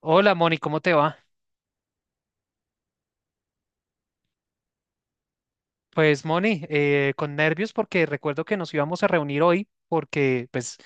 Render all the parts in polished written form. Hola Moni, ¿cómo te va? Pues Moni, con nervios porque recuerdo que nos íbamos a reunir hoy porque pues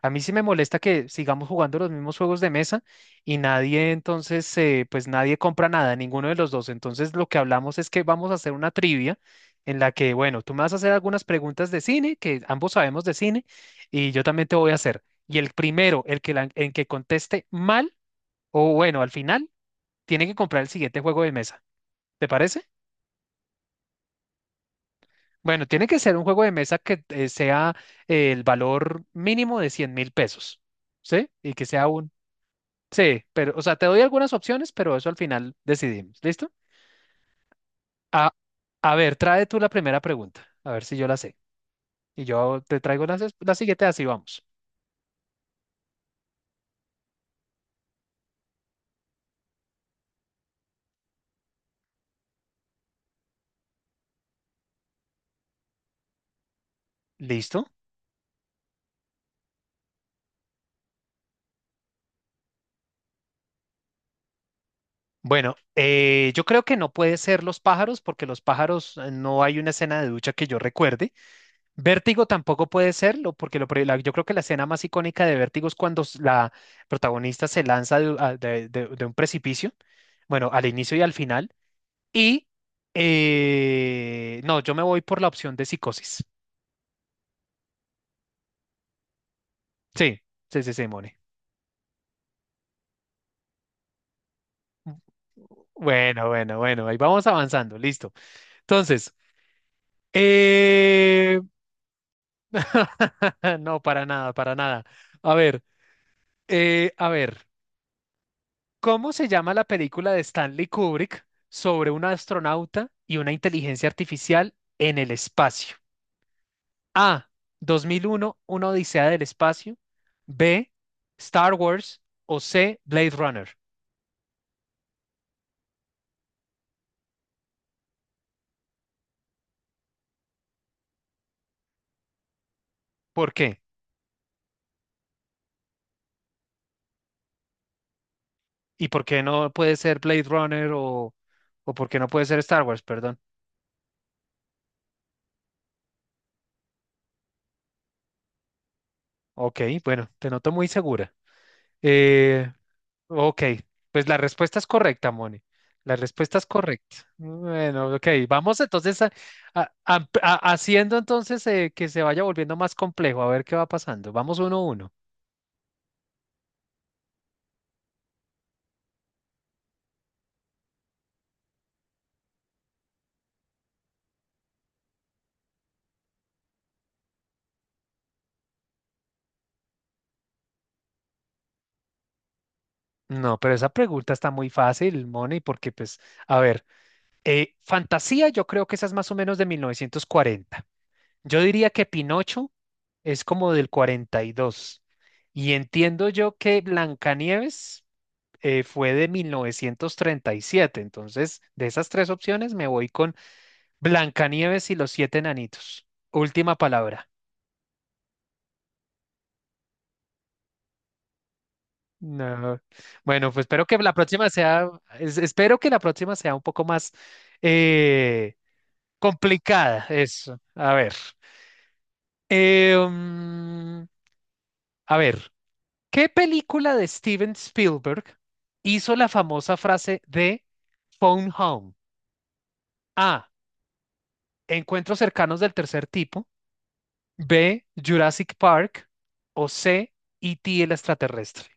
a mí sí me molesta que sigamos jugando los mismos juegos de mesa y nadie entonces, pues nadie compra nada, ninguno de los dos. Entonces lo que hablamos es que vamos a hacer una trivia en la que, bueno, tú me vas a hacer algunas preguntas de cine, que ambos sabemos de cine, y yo también te voy a hacer. Y el primero, el que conteste mal o bueno, al final, tiene que comprar el siguiente juego de mesa. ¿Te parece? Bueno, tiene que ser un juego de mesa que sea el valor mínimo de 100.000 pesos, ¿sí? Y que sea un... Sí, pero, o sea, te doy algunas opciones, pero eso al final decidimos, ¿listo? A, a ver, trae tú la primera pregunta, a ver si yo la sé. Y yo te traigo la siguiente, así vamos. ¿Listo? Bueno, yo creo que no puede ser los pájaros, porque los pájaros no hay una escena de ducha que yo recuerde. Vértigo tampoco puede serlo, porque yo creo que la escena más icónica de Vértigo es cuando la protagonista se lanza de, a- de- de un precipicio, bueno, al inicio y al final. Y no, yo me voy por la opción de psicosis. Sí, sí, sí, sí, Moni. Bueno, bueno, bueno, ahí vamos avanzando, listo. Entonces, eh, no, para nada, para nada. A ver, a ver. ¿Cómo se llama la película de Stanley Kubrick sobre un astronauta y una inteligencia artificial en el espacio? A. 2001, una odisea del espacio. B. Star Wars. O C. Blade Runner. ¿Por qué? ¿Y por qué no puede ser Blade Runner o por qué no puede ser Star Wars? Perdón. Ok, bueno, te noto muy segura. Eh, Ok, pues la respuesta es correcta, Moni. La respuesta es correcta. Bueno, ok, vamos entonces haciendo entonces que se vaya volviendo más complejo, a ver qué va pasando. Vamos uno a uno. No, pero esa pregunta está muy fácil, Moni, porque pues, a ver, fantasía, yo creo que esa es más o menos de 1940. Yo diría que Pinocho es como del 42. Y entiendo yo que Blancanieves fue de 1937. Entonces, de esas tres opciones me voy con Blancanieves y los siete enanitos. Última palabra. No. Bueno, pues espero que la próxima sea un poco más eh, complicada. Eso. A ver. Eh, mm, a ver, ¿qué película de Steven Spielberg hizo la famosa frase de Phone Home? A. Encuentros cercanos del tercer tipo. B, Jurassic Park o C, E.T. el extraterrestre.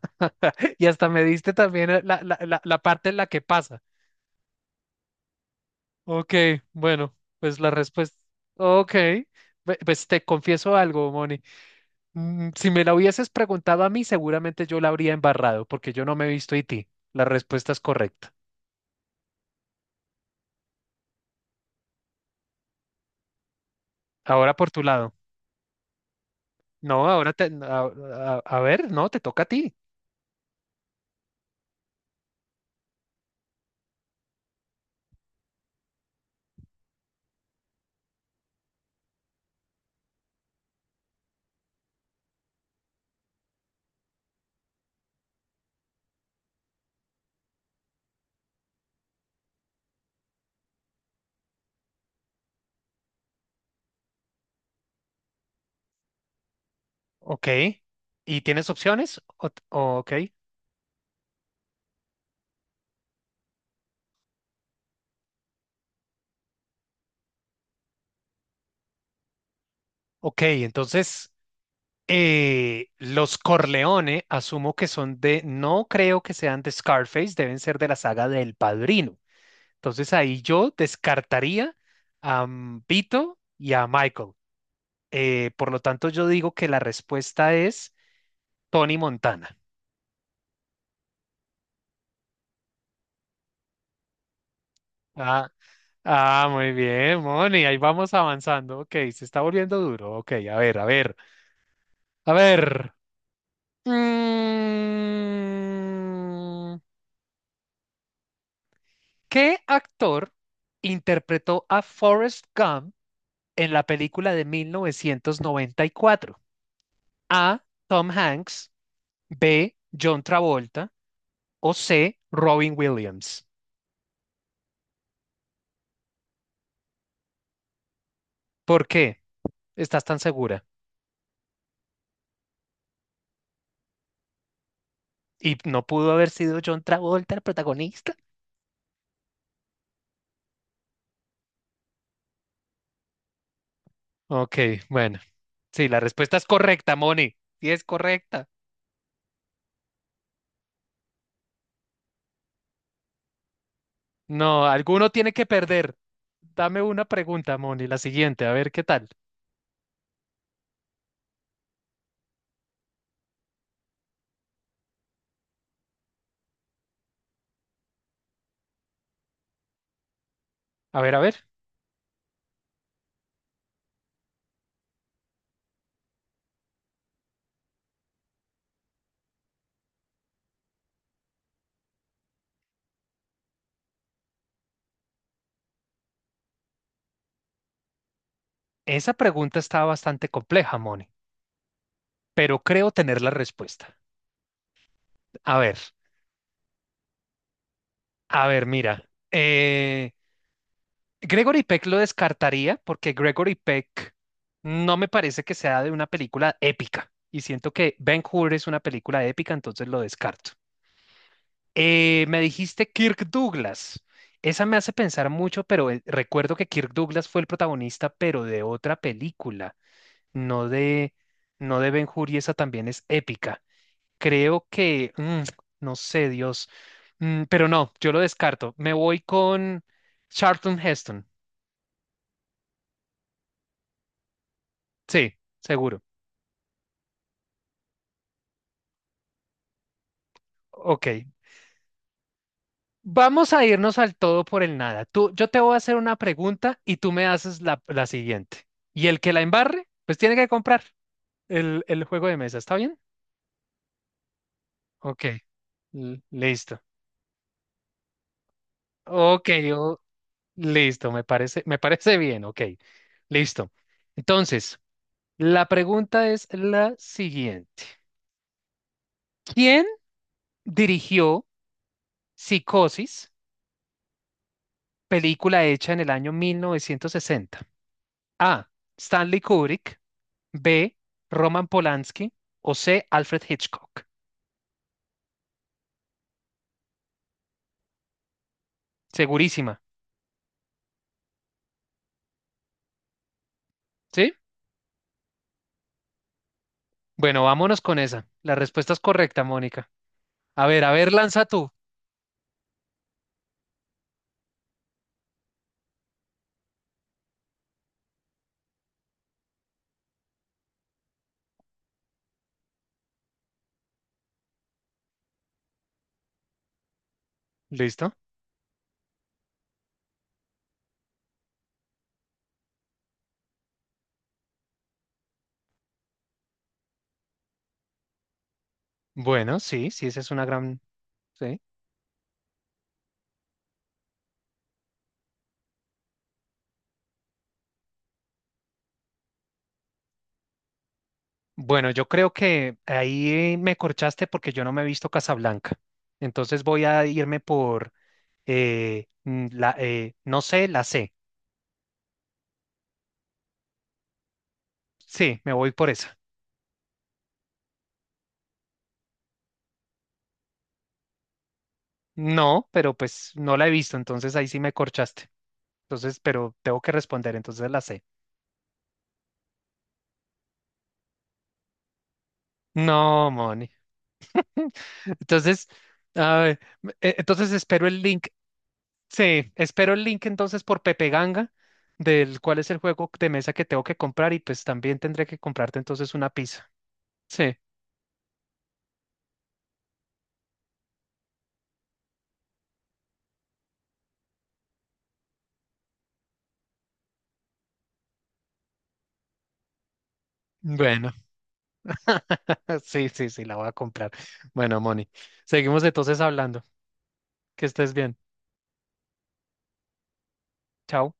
Y hasta me diste también la parte en la que pasa. Ok, bueno, pues la respuesta. Ok, pues te confieso algo, Moni. Si me la hubieses preguntado a mí, seguramente yo la habría embarrado, porque yo no me he visto E.T. La respuesta es correcta. Ahora por tu lado. No, ahora te... a ver, no, te toca a ti. Ok. ¿Y tienes opciones? Ok. Ok, entonces los Corleone asumo que son de, no creo que sean de Scarface, deben ser de la saga del Padrino. Entonces ahí yo descartaría a Vito y a Michael. Por lo tanto, yo digo que la respuesta es Tony Montana. Ah, ah, muy bien, Moni, ahí vamos avanzando. Ok, se está volviendo duro. Ok, a ver, a ver, a ver. Mm, ¿qué actor interpretó a Forrest Gump en la película de 1994? A. Tom Hanks, B. John Travolta o C. Robin Williams. ¿Por qué estás tan segura? ¿Y no pudo haber sido John Travolta el protagonista? Ok, bueno, sí, la respuesta es correcta, Moni. Sí, es correcta. No, alguno tiene que perder. Dame una pregunta, Moni, la siguiente, a ver qué tal. A ver, a ver. Esa pregunta está bastante compleja, Moni, pero creo tener la respuesta. A ver, a ver, mira. Gregory Peck lo descartaría porque Gregory Peck no me parece que sea de una película épica y siento que Ben-Hur es una película épica, entonces lo descarto. Me dijiste Kirk Douglas. Esa me hace pensar mucho, pero recuerdo que Kirk Douglas fue el protagonista, pero de otra película, no de, no de Ben-Hur y esa también es épica. Creo que, no sé, Dios. Mm, pero no, yo lo descarto. Me voy con Charlton Heston. Sí, seguro. Ok. Vamos a irnos al todo por el nada. Tú, yo te voy a hacer una pregunta y tú me haces la siguiente. Y el que la embarre, pues tiene que comprar el juego de mesa. ¿Está bien? Ok. Listo. Ok, yo, listo. Me parece bien. Ok. Listo. Entonces, la pregunta es la siguiente. Dirigió Psicosis, película hecha en el año 1960. A. Stanley Kubrick. B. Roman Polanski. O C. Alfred Hitchcock. Segurísima. ¿Sí? Bueno, vámonos con esa. La respuesta es correcta, Mónica. A ver, lanza tú. ¿Listo? Bueno, sí, sí, esa es una gran... Sí. Bueno, yo creo que ahí me corchaste porque yo no me he visto Casablanca. Entonces voy a irme por, no sé, la C. Sí, me voy por esa. No, pero pues no la he visto, entonces ahí sí me corchaste. Entonces, pero tengo que responder, entonces la sé. No, Moni. Entonces, a ver, entonces espero el link. Sí, espero el link entonces por Pepe Ganga, del cuál es el juego de mesa que tengo que comprar y pues también tendré que comprarte entonces una pizza. Sí, bueno. Sí, sí, sí, la voy a comprar. Bueno, Moni, seguimos entonces hablando. Que estés bien. Chao.